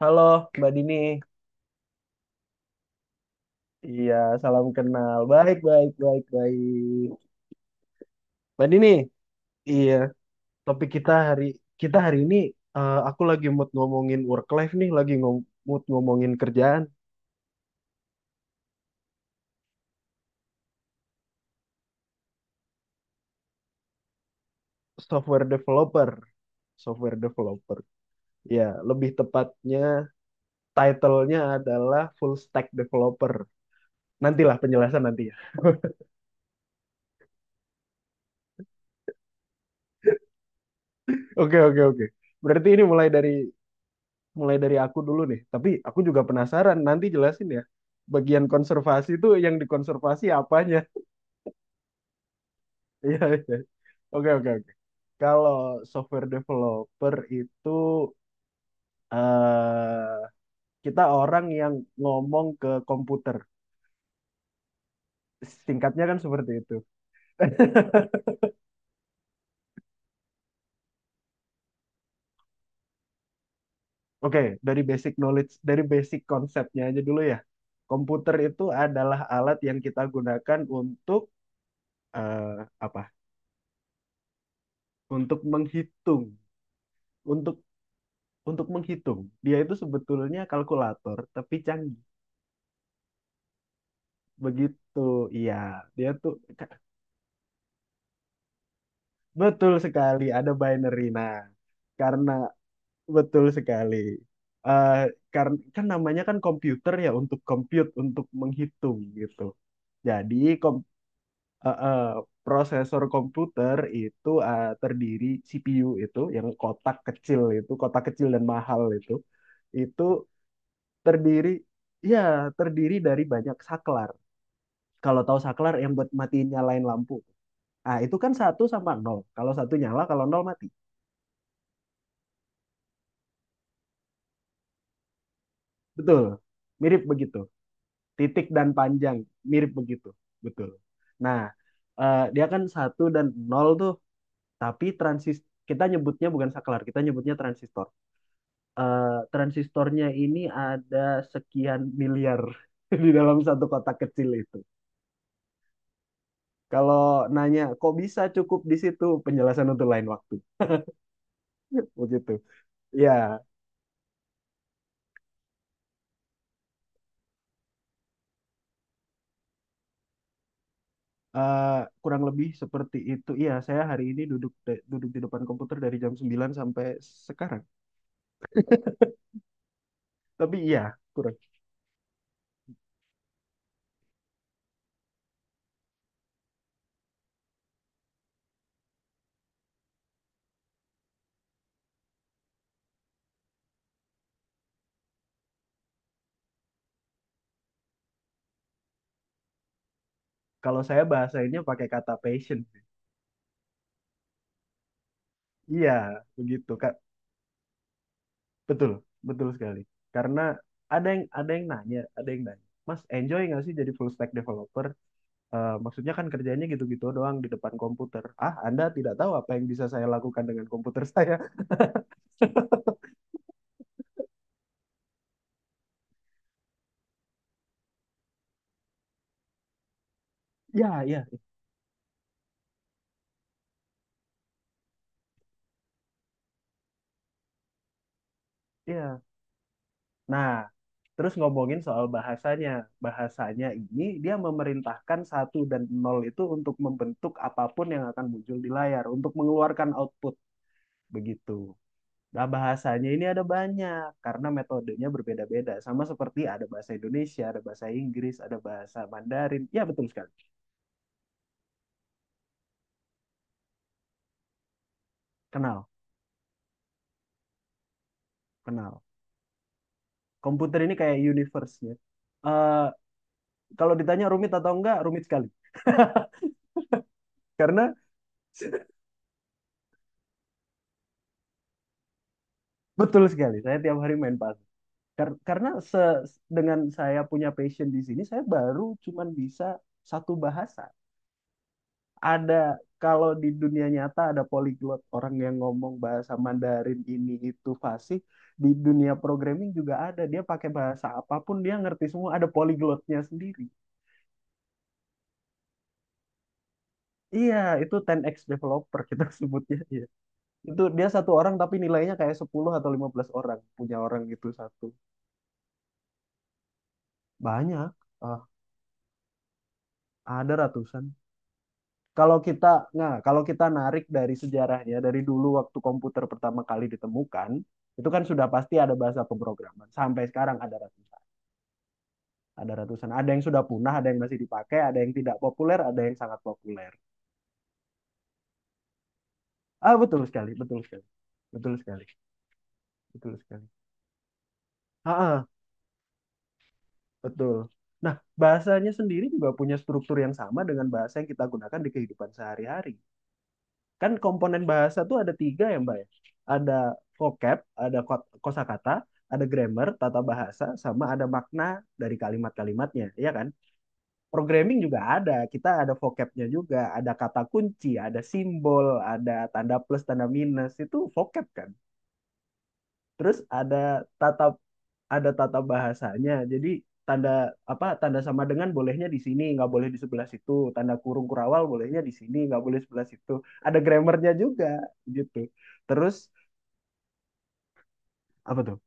Halo, Mbak Dini. Iya, salam kenal. Baik, baik, baik, baik. Mbak Dini, iya, topik kita hari ini, aku lagi mood ngomongin work life nih, lagi ngom mood ngomongin kerjaan software developer, software developer. Ya, lebih tepatnya title-nya adalah full stack developer. Nantilah penjelasan nanti ya. Oke, oke, oke. Berarti ini mulai dari aku dulu nih. Tapi aku juga penasaran, nanti jelasin ya. Bagian konservasi itu yang dikonservasi apanya? Iya, iya. Oke, oke, oke. Kalau software developer itu eh kita orang yang ngomong ke komputer. Singkatnya kan seperti itu. Oke, dari basic knowledge, dari basic konsepnya aja dulu ya. Komputer itu adalah alat yang kita gunakan untuk eh, apa? Untuk menghitung, untuk untuk menghitung. Dia itu sebetulnya kalkulator, tapi canggih. Begitu, iya. Dia tuh ka- Betul sekali ada binary. Nah, karena betul sekali. Eh karena kan namanya kan komputer ya untuk compute, untuk menghitung gitu. Jadi kom eh, eh, prosesor komputer itu terdiri CPU itu yang kotak kecil itu, kotak kecil dan mahal itu terdiri ya, terdiri dari banyak saklar. Kalau tahu saklar yang buat matiin nyalain lampu. Ah, itu kan satu sama nol. Kalau satu nyala, kalau nol mati. Betul. Mirip begitu. Titik dan panjang mirip begitu. Betul. Nah, dia kan satu dan nol tuh, tapi transis kita nyebutnya bukan saklar, kita nyebutnya transistor. Transistornya ini ada sekian miliar di dalam satu kotak kecil itu. Kalau nanya kok bisa cukup di situ, penjelasan untuk lain waktu. Begitu. Ya, Eh, kurang lebih seperti itu. Iya, saya hari ini duduk di depan komputer dari jam 9 sampai sekarang. Tapi iya, kurang. Kalau saya bahasainnya pakai kata passion sih. Iya, begitu, Kak. Betul, betul sekali. Karena ada yang nanya, ada yang nanya. Mas, enjoy nggak sih jadi full stack developer? Maksudnya kan kerjanya gitu-gitu doang di depan komputer. Ah, Anda tidak tahu apa yang bisa saya lakukan dengan komputer saya. Ya, ya, ya. Nah, terus ngomongin soal bahasanya. Bahasanya ini dia memerintahkan satu dan nol itu untuk membentuk apapun yang akan muncul di layar, untuk mengeluarkan output begitu. Nah, bahasanya ini ada banyak karena metodenya berbeda-beda. Sama seperti ada bahasa Indonesia, ada bahasa Inggris, ada bahasa Mandarin. Ya, betul sekali. Kenal, kenal. Komputer ini kayak universe-nya. Eh, Kalau ditanya rumit atau enggak, rumit sekali. Karena betul sekali, saya tiap hari main pas. Kar- karena se Dengan saya punya passion di sini, saya baru cuman bisa satu bahasa. Ada Kalau di dunia nyata ada polyglot, orang yang ngomong bahasa Mandarin ini itu fasih. Di dunia programming juga ada. Dia pakai bahasa apapun dia ngerti semua. Ada polyglotnya sendiri. Iya, itu 10x developer kita sebutnya. Iya. Itu dia satu orang tapi nilainya kayak 10 atau 15 orang, punya orang itu satu. Banyak. Ah, ada ratusan. Kalau kita, nah, kalau kita narik dari sejarahnya, dari dulu waktu komputer pertama kali ditemukan, itu kan sudah pasti ada bahasa pemrograman. Sampai sekarang ada ratusan, ada ratusan. Ada yang sudah punah, ada yang masih dipakai, ada yang tidak populer, ada yang sangat populer. Ah, betul sekali, betul sekali, betul sekali, betul sekali. Ah, ah, betul. Nah, bahasanya sendiri juga punya struktur yang sama dengan bahasa yang kita gunakan di kehidupan sehari-hari. Kan komponen bahasa tuh ada tiga ya Mbak ya, ada vocab, ada kosakata, ada grammar tata bahasa, sama ada makna dari kalimat-kalimatnya ya kan. Programming juga ada, kita ada vocabnya juga, ada kata kunci, ada simbol, ada tanda plus tanda minus, itu vocab kan. Terus tata ada tata bahasanya. Jadi tanda tanda sama dengan bolehnya di sini, nggak boleh di sebelah situ. Tanda kurung kurawal bolehnya di sini, nggak boleh sebelah situ. Ada grammarnya juga gitu. Terus apa tuh?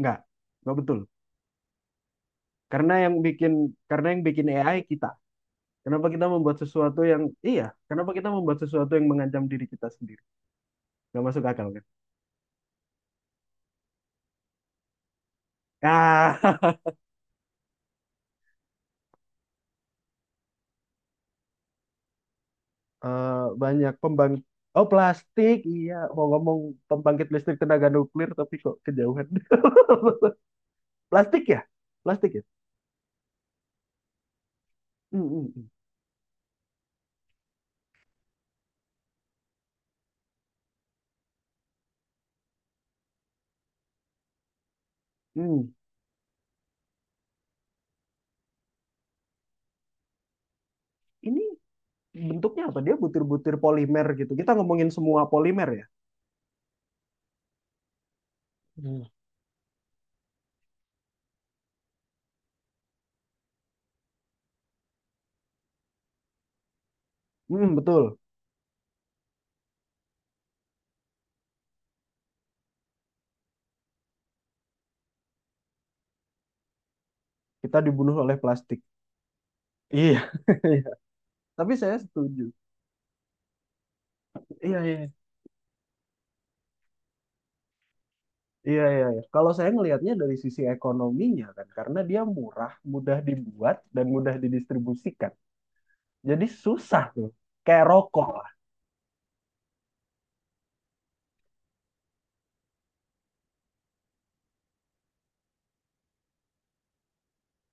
Nggak, nggak betul. Karena yang bikin karena yang bikin AI kita. Kenapa kita membuat sesuatu yang iya? Kenapa kita membuat sesuatu yang mengancam diri kita sendiri? Nggak masuk akal kan? Ah, eh, banyak pembang Oh plastik, iya. Mau ngomong pembangkit listrik tenaga nuklir, tapi kok kejauhan. Plastik ya? Plastik ya? Hmm, hmm, hmm. Hmm. Ini bentuknya apa? Dia butir-butir polimer gitu. Kita ngomongin semua polimer ya? Hmm. Hmm, betul. Kita dibunuh oleh plastik. Iya. Tapi saya setuju. Iya, iya. Iya, iya, iya. Kalau saya ngelihatnya dari sisi ekonominya kan, karena dia murah, mudah dibuat, dan mudah didistribusikan. Jadi susah tuh. Kayak rokok lah.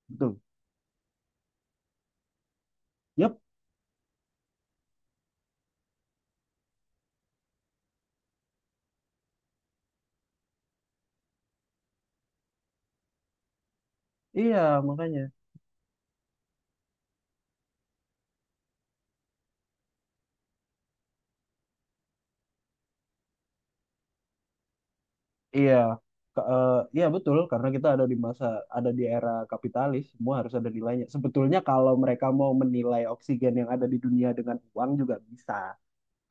Betul. Yap. Iya, makanya. Iya, Ke- eh, iya betul karena kita ada di era kapitalis, semua harus ada nilainya. Sebetulnya kalau mereka mau menilai oksigen yang ada di dunia dengan uang juga bisa,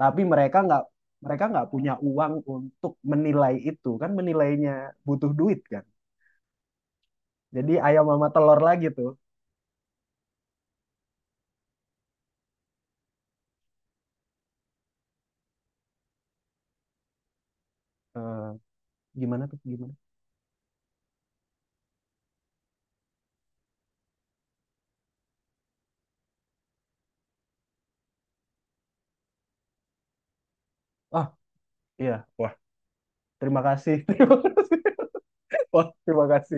tapi mereka nggak punya uang untuk menilai itu kan, menilainya butuh duit kan. Jadi ayam sama telur lagi tuh. Eh, Gimana tuh gimana? Ah, iya, wah terima kasih, terima kasih, wah terima kasih.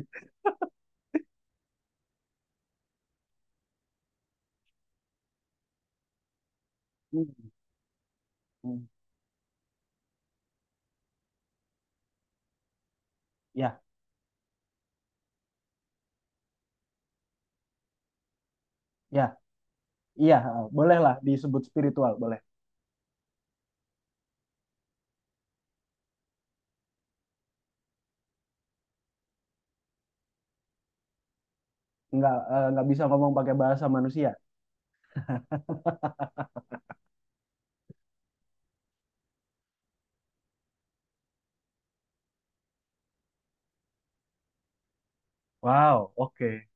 Hmm, hmm. Ya, ya, iya, bolehlah disebut spiritual, boleh. Nggak bisa ngomong pakai bahasa manusia. Wow, oke.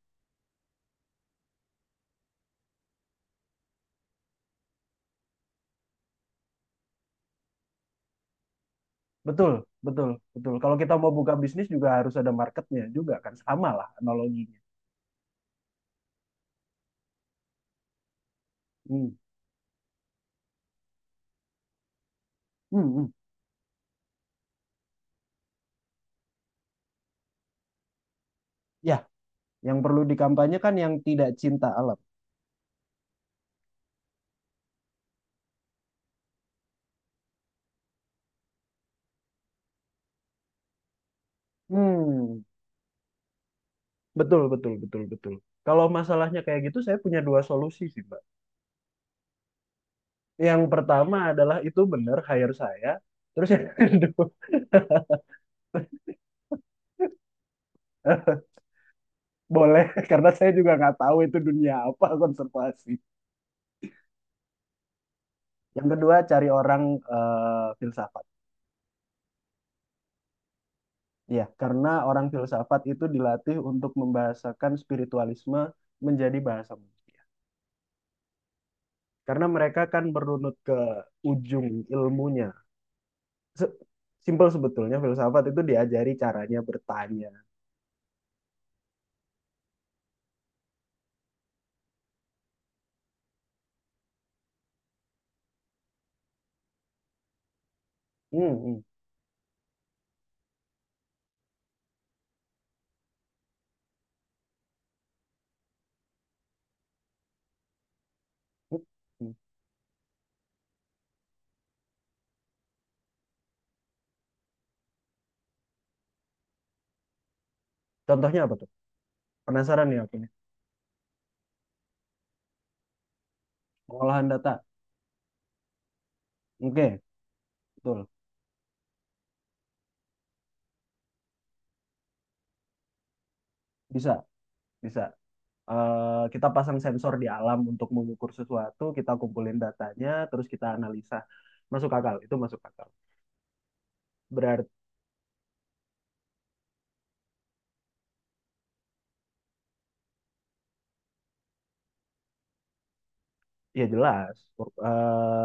Betul, betul, betul. Kalau kita mau buka bisnis juga harus ada marketnya juga kan. Sama lah analoginya. Hmm. Hmm, hmm. Ya, yang perlu dikampanyekan yang tidak cinta alam. Hmm, betul, betul, betul, betul. Kalau masalahnya kayak gitu, saya punya dua solusi sih, Mbak. Yang pertama adalah itu benar, hire saya. Terus yang kedua, boleh, karena saya juga nggak tahu itu dunia apa konservasi. Yang kedua, cari orang filsafat. Ya, karena orang filsafat itu dilatih untuk membahasakan spiritualisme menjadi bahasa manusia. Karena mereka kan merunut ke ujung ilmunya. Se- Simpel sebetulnya, filsafat itu diajari caranya bertanya. Hmm, hmm, hmm, hmm. Contohnya apa tuh? Penasaran ya aku nih. Pengolahan data. Oke, betul. Bisa, bisa. Kita pasang sensor di alam untuk mengukur sesuatu, kita kumpulin datanya, terus kita analisa. Masuk akal, itu masuk akal. Berarti, ya jelas. Eh,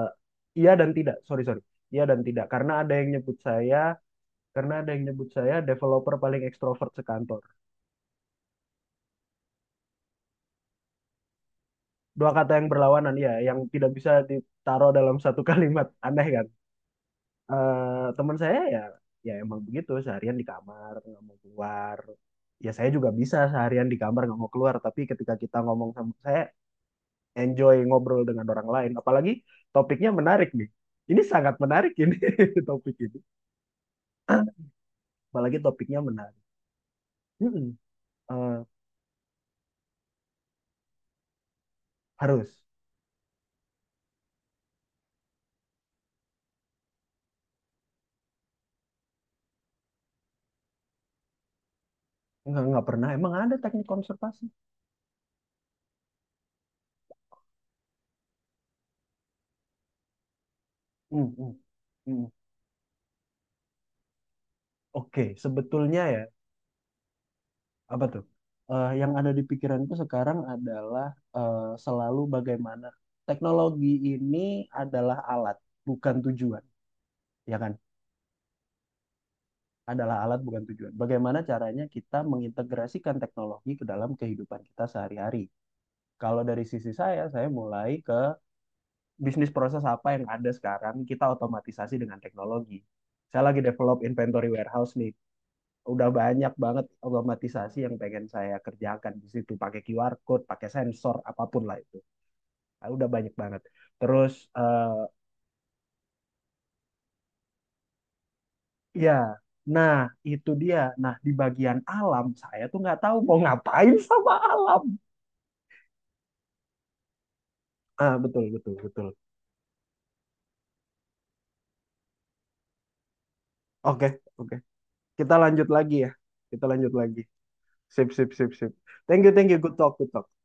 iya dan tidak, sorry, sorry. Iya dan tidak, karena ada yang nyebut saya developer paling ekstrovert sekantor. Dua kata yang berlawanan, ya, yang tidak bisa ditaruh dalam satu kalimat. Aneh kan? Teman saya ya, ya emang begitu seharian di kamar nggak mau keluar, ya saya juga bisa seharian di kamar nggak mau keluar, tapi ketika kita ngomong sama saya, enjoy ngobrol dengan orang lain, apalagi topiknya menarik nih, ini sangat menarik ini, topik ini, apalagi topiknya menarik. Mm-mm. Eh, harus Nggak pernah, emang ada teknik konservasi? Mm-mm. Mm-mm. Oke, sebetulnya ya. Apa tuh? Yang ada di pikiranku sekarang adalah selalu bagaimana teknologi ini adalah alat, bukan tujuan, ya kan? Adalah alat, bukan tujuan. Bagaimana caranya kita mengintegrasikan teknologi ke dalam kehidupan kita sehari-hari? Kalau dari sisi saya mulai ke bisnis proses apa yang ada sekarang, kita otomatisasi dengan teknologi. Saya lagi develop inventory warehouse nih. Udah banyak banget otomatisasi yang pengen saya kerjakan di situ pakai QR code, pakai sensor apapun lah itu. Nah, udah banyak banget. Terus ya, nah itu dia. Nah, di bagian alam saya tuh nggak tahu mau ngapain sama alam. Ah, betul betul betul. Oke, oke. Kita lanjut lagi ya. Kita lanjut lagi. Sip sip sip sip. Thank you thank you. Good talk good talk.